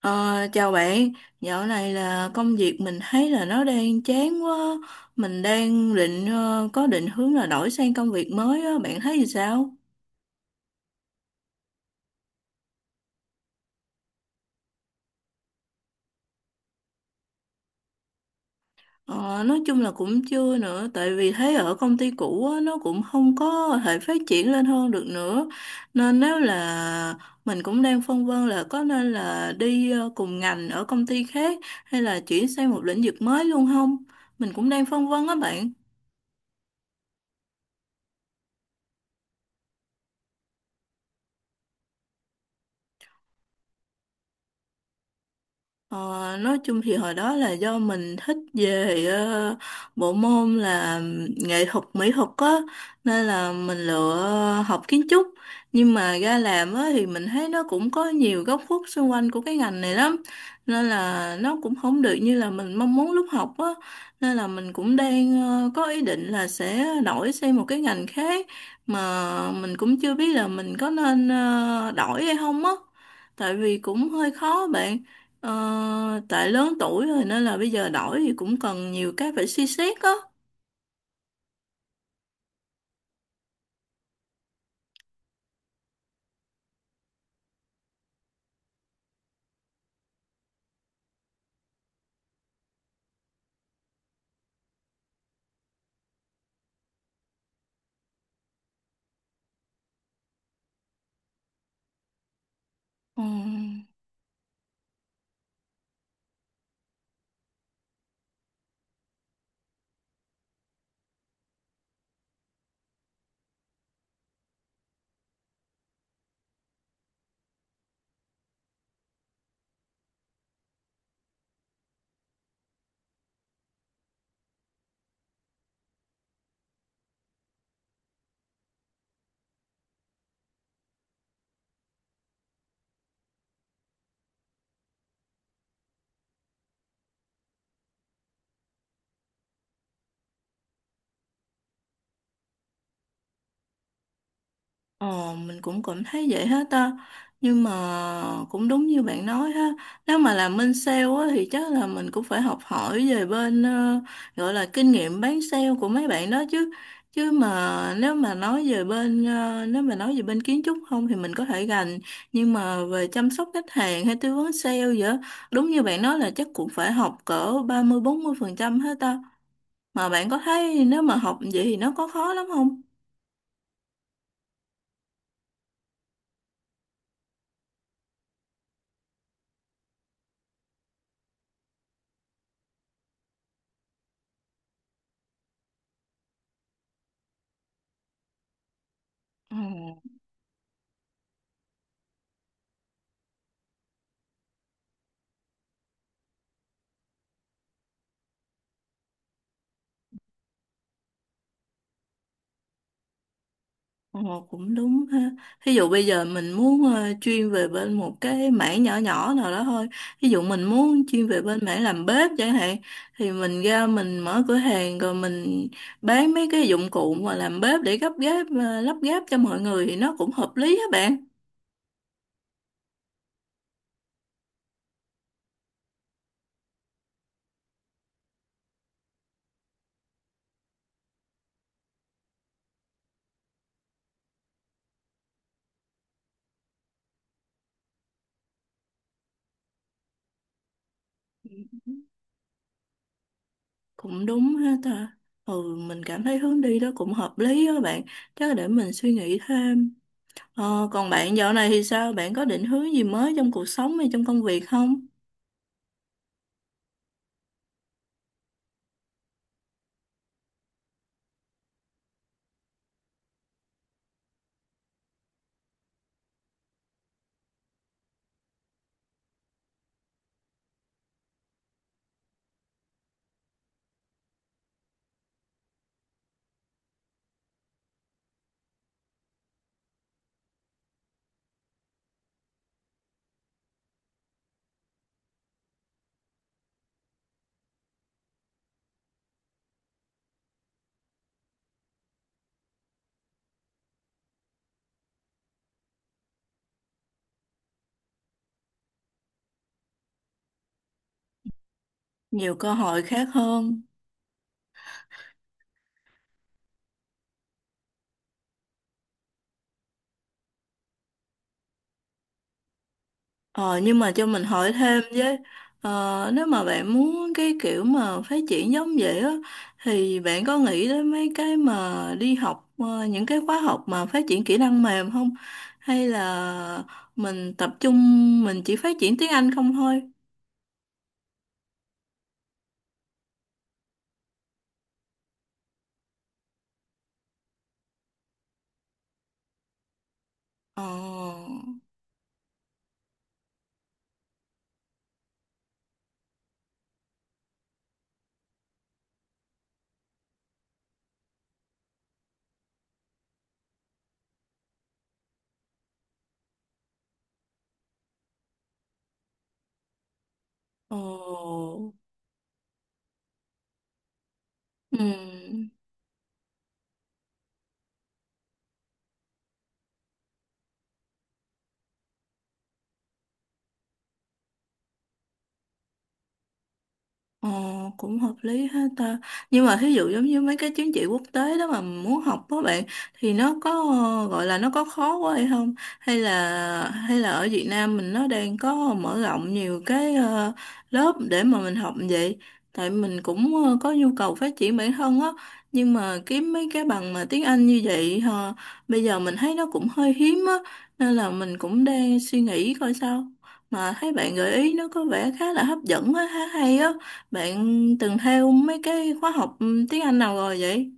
Ờ, chào bạn, dạo này là công việc mình thấy là nó đang chán quá, mình đang định có định hướng là đổi sang công việc mới á, bạn thấy thì sao? Ờ, nói chung là cũng chưa nữa, tại vì thấy ở công ty cũ á, nó cũng không có thể phát triển lên hơn được nữa, nên nếu là mình cũng đang phân vân là có nên là đi cùng ngành ở công ty khác hay là chuyển sang một lĩnh vực mới luôn không? Mình cũng đang phân vân á bạn. Ờ, nói chung thì hồi đó là do mình thích về bộ môn là nghệ thuật mỹ thuật á, nên là mình lựa học kiến trúc, nhưng mà ra làm á thì mình thấy nó cũng có nhiều góc khuất xung quanh của cái ngành này lắm, nên là nó cũng không được như là mình mong muốn lúc học á, nên là mình cũng đang có ý định là sẽ đổi sang một cái ngành khác, mà mình cũng chưa biết là mình có nên đổi hay không á, tại vì cũng hơi khó bạn. Tại lớn tuổi rồi nên là bây giờ đổi thì cũng cần nhiều cái phải suy xét á. Ừ. Ồ, mình cũng cảm thấy vậy hết ta. Nhưng mà cũng đúng như bạn nói ha. Nếu mà làm bên sale á, thì chắc là mình cũng phải học hỏi về bên gọi là kinh nghiệm bán sale của mấy bạn đó chứ. Chứ mà nếu mà nói về bên kiến trúc không thì mình có thể gành, nhưng mà về chăm sóc khách hàng hay tư vấn sale vậy, đúng như bạn nói là chắc cũng phải học cỡ 30 mươi 40% hết ta. Mà bạn có thấy nếu mà học vậy thì nó có khó lắm không? Ừ. Ồ, cũng đúng ha. Ví dụ bây giờ mình muốn chuyên về bên một cái mảng nhỏ nhỏ nào đó thôi. Ví dụ mình muốn chuyên về bên mảng làm bếp chẳng hạn, thì mình ra mình mở cửa hàng rồi mình bán mấy cái dụng cụ mà làm bếp để lắp ghép cho mọi người thì nó cũng hợp lý á bạn. Cũng đúng ha ta. Ừ, mình cảm thấy hướng đi đó cũng hợp lý á bạn. Chắc để mình suy nghĩ thêm. Còn bạn dạo này thì sao? Bạn có định hướng gì mới trong cuộc sống hay trong công việc không? Nhiều cơ hội khác hơn. Ờ, nhưng mà cho mình hỏi thêm với, nếu mà bạn muốn cái kiểu mà phát triển giống vậy á thì bạn có nghĩ đến mấy cái mà đi học những cái khóa học mà phát triển kỹ năng mềm không, hay là mình tập trung mình chỉ phát triển tiếng Anh không thôi? Ờ, ờ, ừ. Ờ, cũng hợp lý ha ta. Nhưng mà thí dụ giống như mấy cái chứng chỉ quốc tế đó mà muốn học đó bạn, thì nó có gọi là nó có khó quá hay không? Hay là ở Việt Nam mình nó đang có mở rộng nhiều cái lớp để mà mình học vậy. Tại mình cũng có nhu cầu phát triển bản thân á, nhưng mà kiếm mấy cái bằng mà tiếng Anh như vậy bây giờ mình thấy nó cũng hơi hiếm á, nên là mình cũng đang suy nghĩ coi sao. Mà thấy bạn gợi ý nó có vẻ khá là hấp dẫn á, khá hay á. Bạn từng theo mấy cái khóa học tiếng Anh nào rồi vậy?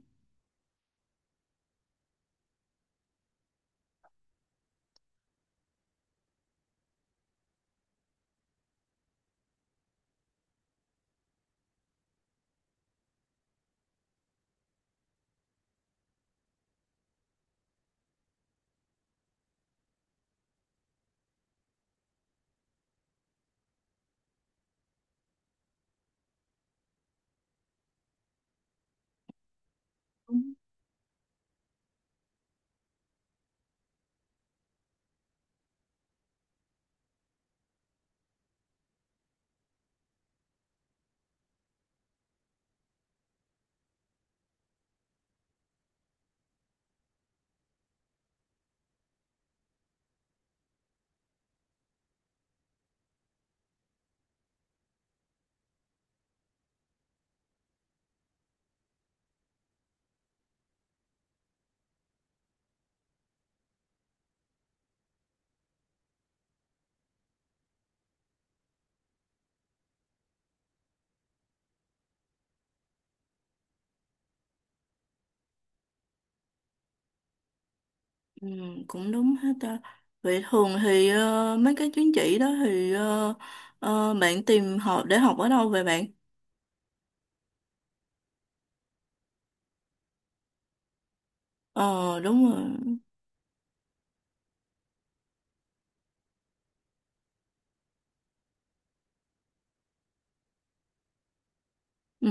Ừ, cũng đúng hết ta. Vậy thường thì mấy cái chứng chỉ đó thì bạn tìm họ để học ở đâu vậy bạn? Ờ, đúng rồi. Ừ.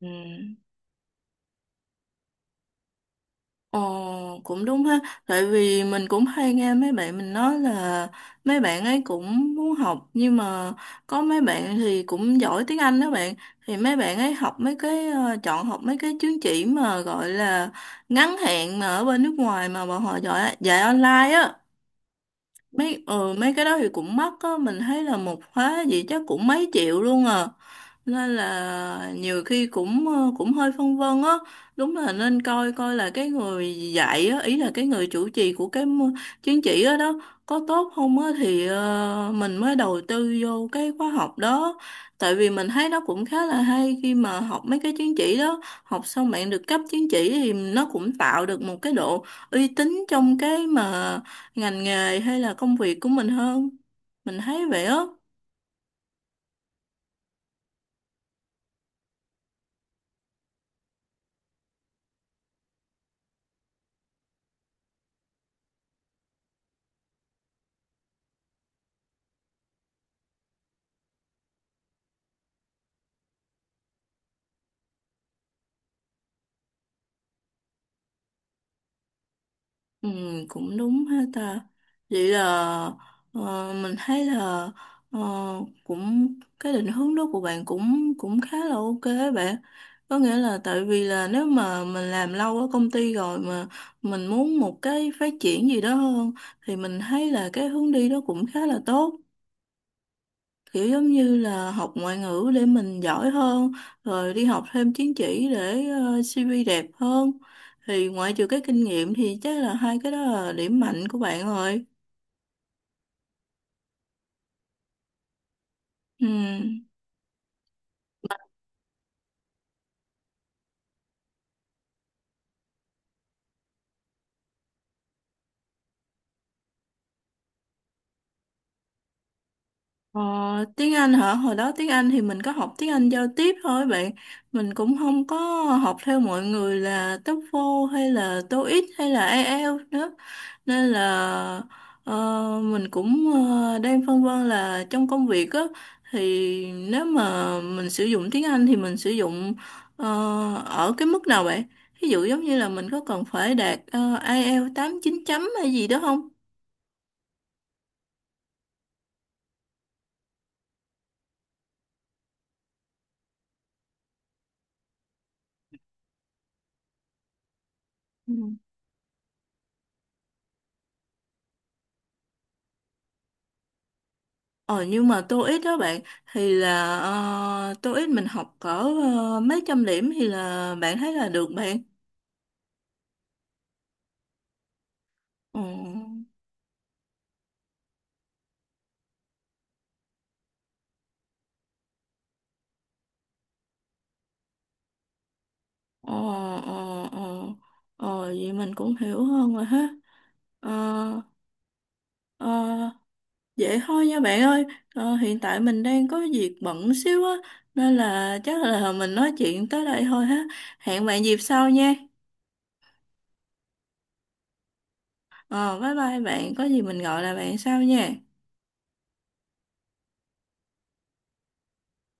Ừ. Ồ, cũng đúng ha. Tại vì mình cũng hay nghe mấy bạn mình nói là mấy bạn ấy cũng muốn học nhưng mà có mấy bạn thì cũng giỏi tiếng Anh đó bạn. Thì mấy bạn ấy học chọn học mấy cái chứng chỉ mà gọi là ngắn hạn mà ở bên nước ngoài mà bọn họ giỏi dạy online á. Mấy cái đó thì cũng mắc á, mình thấy là một khóa gì chắc cũng mấy triệu luôn à, nên là nhiều khi cũng hơi phân vân á. Đúng là nên coi coi là cái người dạy á, ý là cái người chủ trì của cái chứng chỉ đó, đó có tốt không á, thì mình mới đầu tư vô cái khóa học đó. Tại vì mình thấy nó cũng khá là hay khi mà học mấy cái chứng chỉ đó, học xong bạn được cấp chứng chỉ thì nó cũng tạo được một cái độ uy tín trong cái mà ngành nghề hay là công việc của mình hơn, mình thấy vậy á. Ừ, cũng đúng ha ta. Vậy là mình thấy là ờ, cũng cái định hướng đó của bạn cũng cũng khá là OK á bạn, có nghĩa là tại vì là nếu mà mình làm lâu ở công ty rồi mà mình muốn một cái phát triển gì đó hơn, thì mình thấy là cái hướng đi đó cũng khá là tốt, kiểu giống như là học ngoại ngữ để mình giỏi hơn, rồi đi học thêm chứng chỉ để CV đẹp hơn, thì ngoại trừ cái kinh nghiệm thì chắc là hai cái đó là điểm mạnh của bạn rồi. Ừ. Ờ, tiếng Anh hả? Hồi đó tiếng Anh thì mình có học tiếng Anh giao tiếp thôi bạn. Mình cũng không có học theo mọi người là TOEFL hay là TOEIC hay là IELTS nữa. Nên là mình cũng đang phân vân là trong công việc á, thì nếu mà mình sử dụng tiếng Anh thì mình sử dụng ờ, ở cái mức nào bạn? Ví dụ giống như là mình có cần phải đạt IELTS 8 9 chấm hay gì đó không? Ừ. Ờ nhưng mà TOEIC đó bạn, thì là TOEIC mình học cỡ mấy trăm điểm thì là bạn thấy là được bạn. Ờ, ờ, ờ, ờ, ờ, vậy mình cũng hiểu hơn rồi ha. Ờ, ờ, vậy thôi nha bạn ơi. Hiện tại mình đang có việc bận xíu á, nên là chắc là mình nói chuyện tới đây thôi ha. Hẹn bạn dịp sau nha. Ờ bye bye bạn, có gì mình gọi là bạn sau nha.